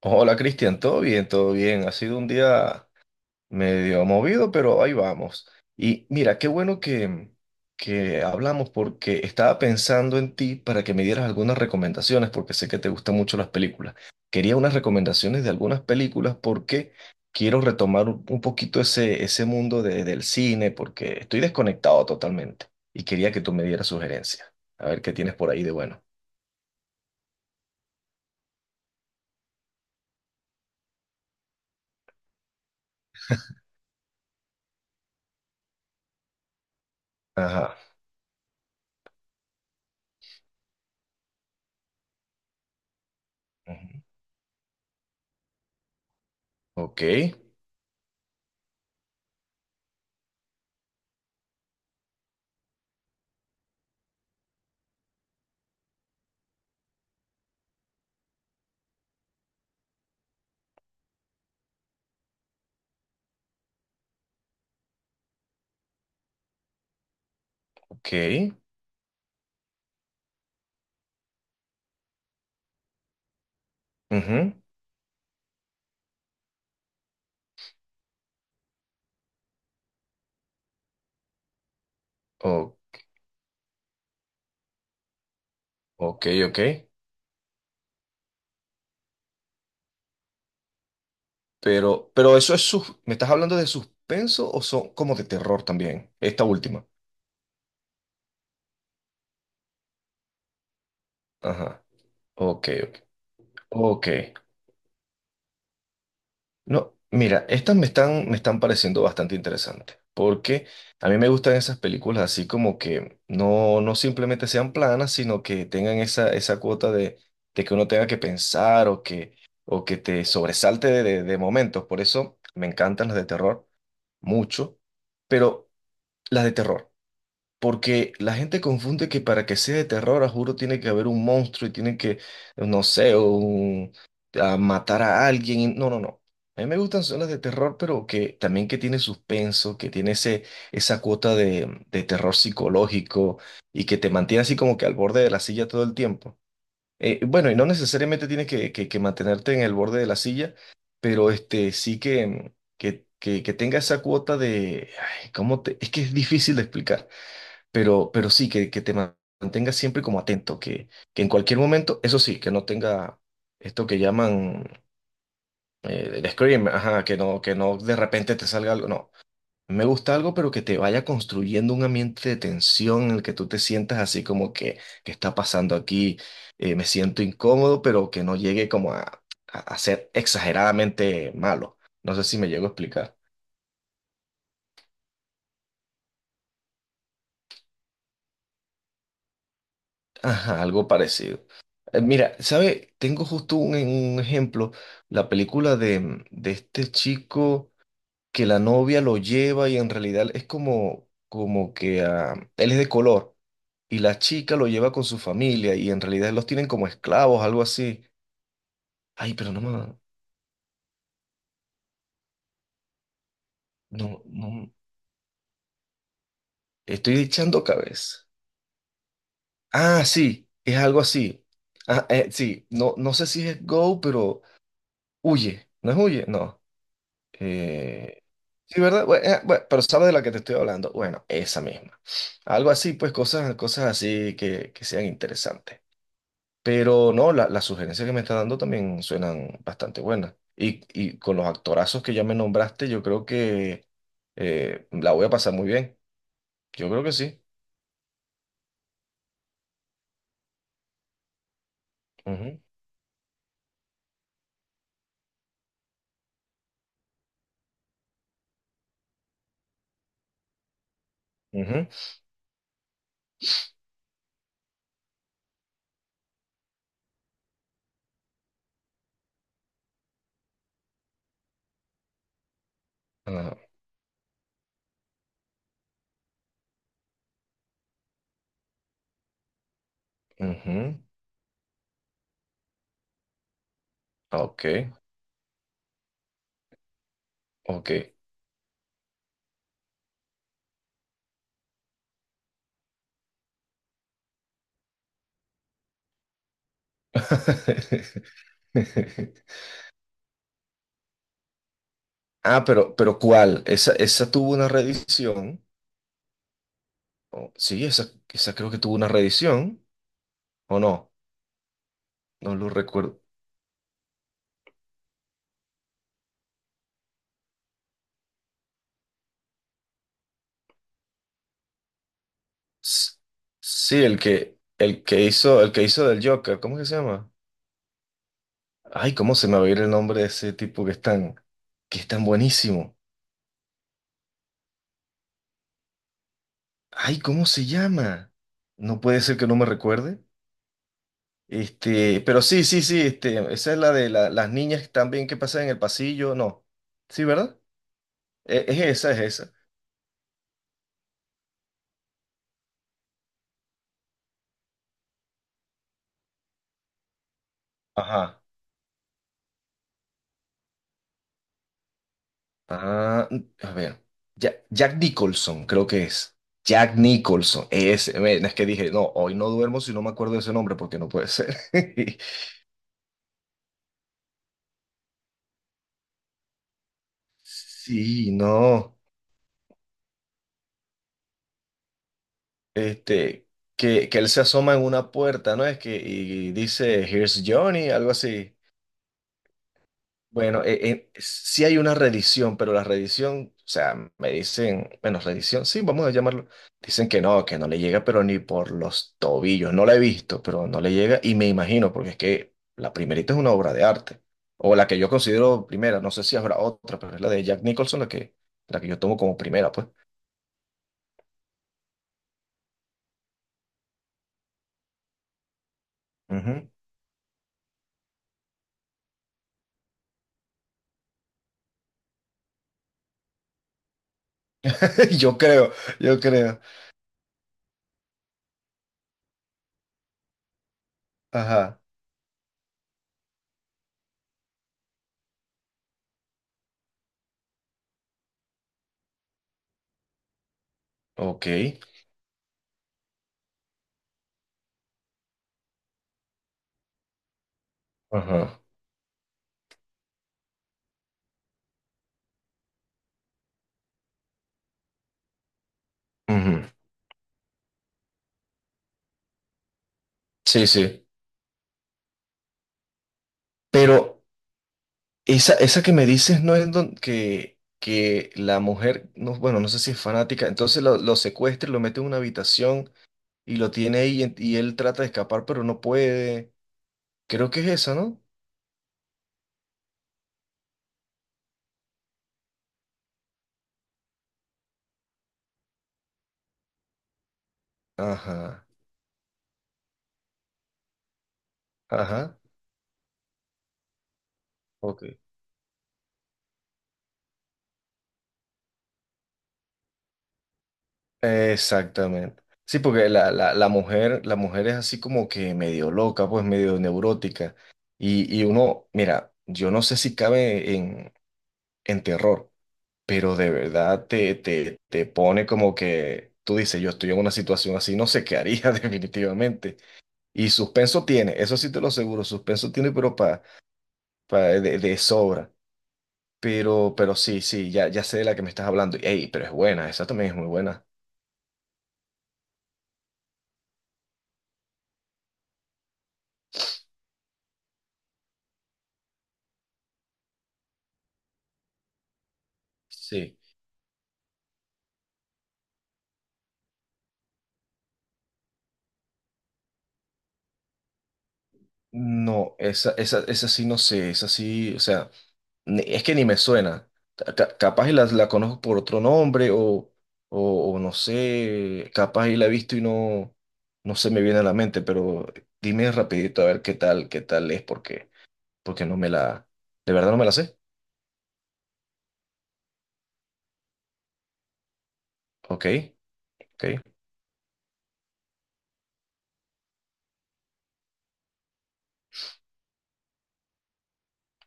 Hola Cristian, todo bien, todo bien. Ha sido un día medio movido, pero ahí vamos. Y mira, qué bueno que hablamos porque estaba pensando en ti para que me dieras algunas recomendaciones, porque sé que te gustan mucho las películas. Quería unas recomendaciones de algunas películas porque quiero retomar un poquito ese mundo del cine, porque estoy desconectado totalmente y quería que tú me dieras sugerencias. A ver qué tienes por ahí de bueno. Ajá. Ujú. Ok, ok. Ujú. Oh, ok, ok. Pero eso es ¿Me estás hablando de suspenso o son como de terror también? Esta última. Ajá. Ok, ok. Ok. No, mira, estas me están pareciendo bastante interesantes. Porque a mí me gustan esas películas así como que no, no simplemente sean planas, sino que tengan esa cuota de que uno tenga que pensar o que te sobresalte de momentos. Por eso me encantan las de terror mucho. Pero las de terror. Porque la gente confunde que para que sea de terror, a juro, tiene que haber un monstruo y tiene que, no sé, a matar a alguien. No, no, no. A mí me gustan son las de terror, pero que también que tiene suspenso, que tiene ese, esa cuota de terror psicológico y que te mantiene así como que al borde de la silla todo el tiempo. Bueno, y no necesariamente tienes que mantenerte en el borde de la silla, pero este, sí que tenga esa cuota de... Ay, es que es difícil de explicar, pero sí, que mantengas siempre como atento, que en cualquier momento, eso sí, que no tenga esto que llaman el scream, ajá, que no de repente te salga algo, no. Me gusta algo, pero que te vaya construyendo un ambiente de tensión en el que tú te sientas así como que, ¿qué está pasando aquí? Me siento incómodo, pero que no llegue como a ser exageradamente malo. No sé si me llego a explicar. Ajá, algo parecido. Mira, ¿sabe? Tengo justo un ejemplo, la película de este chico que la novia lo lleva y en realidad es como, como que ah, él es de color y la chica lo lleva con su familia y en realidad los tienen como esclavos, algo así. Ay, pero no me... No, no, estoy echando cabeza. Ah, sí, es algo así. Ah, sí, no, no sé si es Go, pero huye. ¿No es huye? No. Eh, sí, ¿verdad? Pero ¿sabes de la que te estoy hablando? Bueno, esa misma. Algo así, pues cosas así que sean interesantes. Pero no, las sugerencias que me está dando también suenan bastante buenas. Y con los actorazos que ya me nombraste, yo creo que la voy a pasar muy bien. Yo creo que sí. Ujú, ujú, ah, ujú. Ah, ok, ok. Ah, pero ¿cuál? Esa tuvo una reedición. Oh, sí, esa creo que tuvo una reedición, ¿o no? No lo recuerdo. S- Sí, el que hizo, el que hizo del Joker, ¿cómo es que se llama? Ay, ¿cómo se me va a ir el nombre de ese tipo que es tan buenísimo? Ay, ¿cómo se llama? No puede ser que no me recuerde. Este, pero este, esa es la de las niñas también que pasan en el pasillo, no. Sí, ¿verdad? Es, es esa. Ajá. Ah, a ver. Jack Nicholson, creo que es. Jack Nicholson. Ese, ven, es que dije, no, hoy no duermo si no me acuerdo de ese nombre, porque no puede ser. Sí, no. Este, que él se asoma en una puerta, ¿no? Es que, y dice, Here's Johnny, algo así. Bueno, sí hay una reedición, pero la reedición, o sea, me dicen, bueno, reedición, sí, vamos a llamarlo. Dicen que no le llega, pero ni por los tobillos. No la he visto, pero no le llega y me imagino, porque es que la primerita es una obra de arte, o la que yo considero primera, no sé si habrá otra, pero es la de Jack Nicholson, la que yo tomo como primera, pues. Ujú. Yo creo, yo creo. Ajá. Ok. Ajá. Ujú. Sí, sí. Pero... Esa que me dices no es que la mujer, no, bueno, no sé si es fanática, entonces lo secuestra, y lo mete en una habitación y lo tiene ahí y él trata de escapar, pero no puede. Creo que es esa, ¿no? Ajá, ajá, ok. Exactamente. Sí, porque la mujer es así como que medio loca, pues medio neurótica. Y uno, mira, yo no sé si cabe en terror. Pero de verdad te pone como que tú dices, yo estoy en una situación así, no sé qué haría definitivamente. Y suspenso tiene, eso sí te lo aseguro, suspenso tiene, pero de sobra. Pero sí, sí, ya sé de la que me estás hablando. Ey, pero es buena, esa también es muy buena. Sí. No, esa sí no sé, esa sí, o sea. Es que ni me suena. Capaz y la, conozco por otro nombre o no sé, capaz y la he visto y no, no se me viene a la mente, pero dime rapidito a ver qué tal es, porque, porque no me la, de verdad no me la sé. Ok, ok.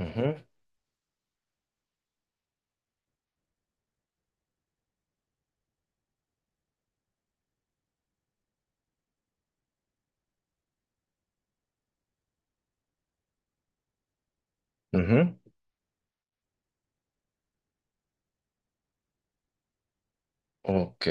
Ujú, ujú, ok.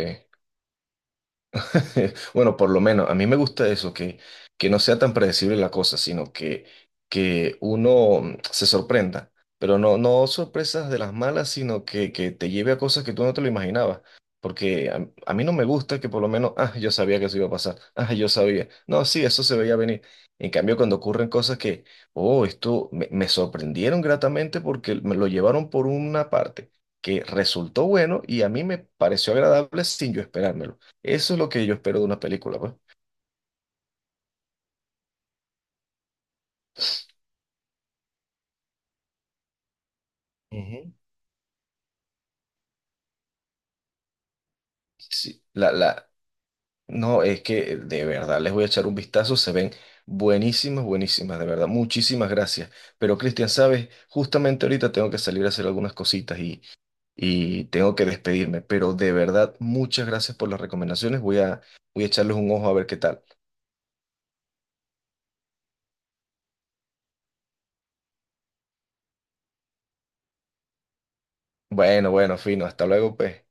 Bueno, por lo menos a mí me gusta eso, que no sea tan predecible la cosa, sino que uno se sorprenda, pero no, no sorpresas de las malas, sino que te lleve a cosas que tú no te lo imaginabas. Porque a mí no me gusta que por lo menos, ah, yo sabía que eso iba a pasar, ah, yo sabía. No, sí, eso se veía venir. En cambio, cuando ocurren cosas que, oh, esto me sorprendieron gratamente porque me lo llevaron por una parte que resultó bueno y a mí me pareció agradable sin yo esperármelo. Eso es lo que yo espero de una película, pues. Ujú. Sí, no, es que de verdad les voy a echar un vistazo, se ven buenísimas, buenísimas, de verdad, muchísimas gracias. Pero Cristian, sabes, justamente ahorita tengo que salir a hacer algunas cositas y tengo que despedirme, pero de verdad, muchas gracias por las recomendaciones, voy a, voy a echarles un ojo a ver qué tal. Bueno, bueno, fino, hasta luego, pues.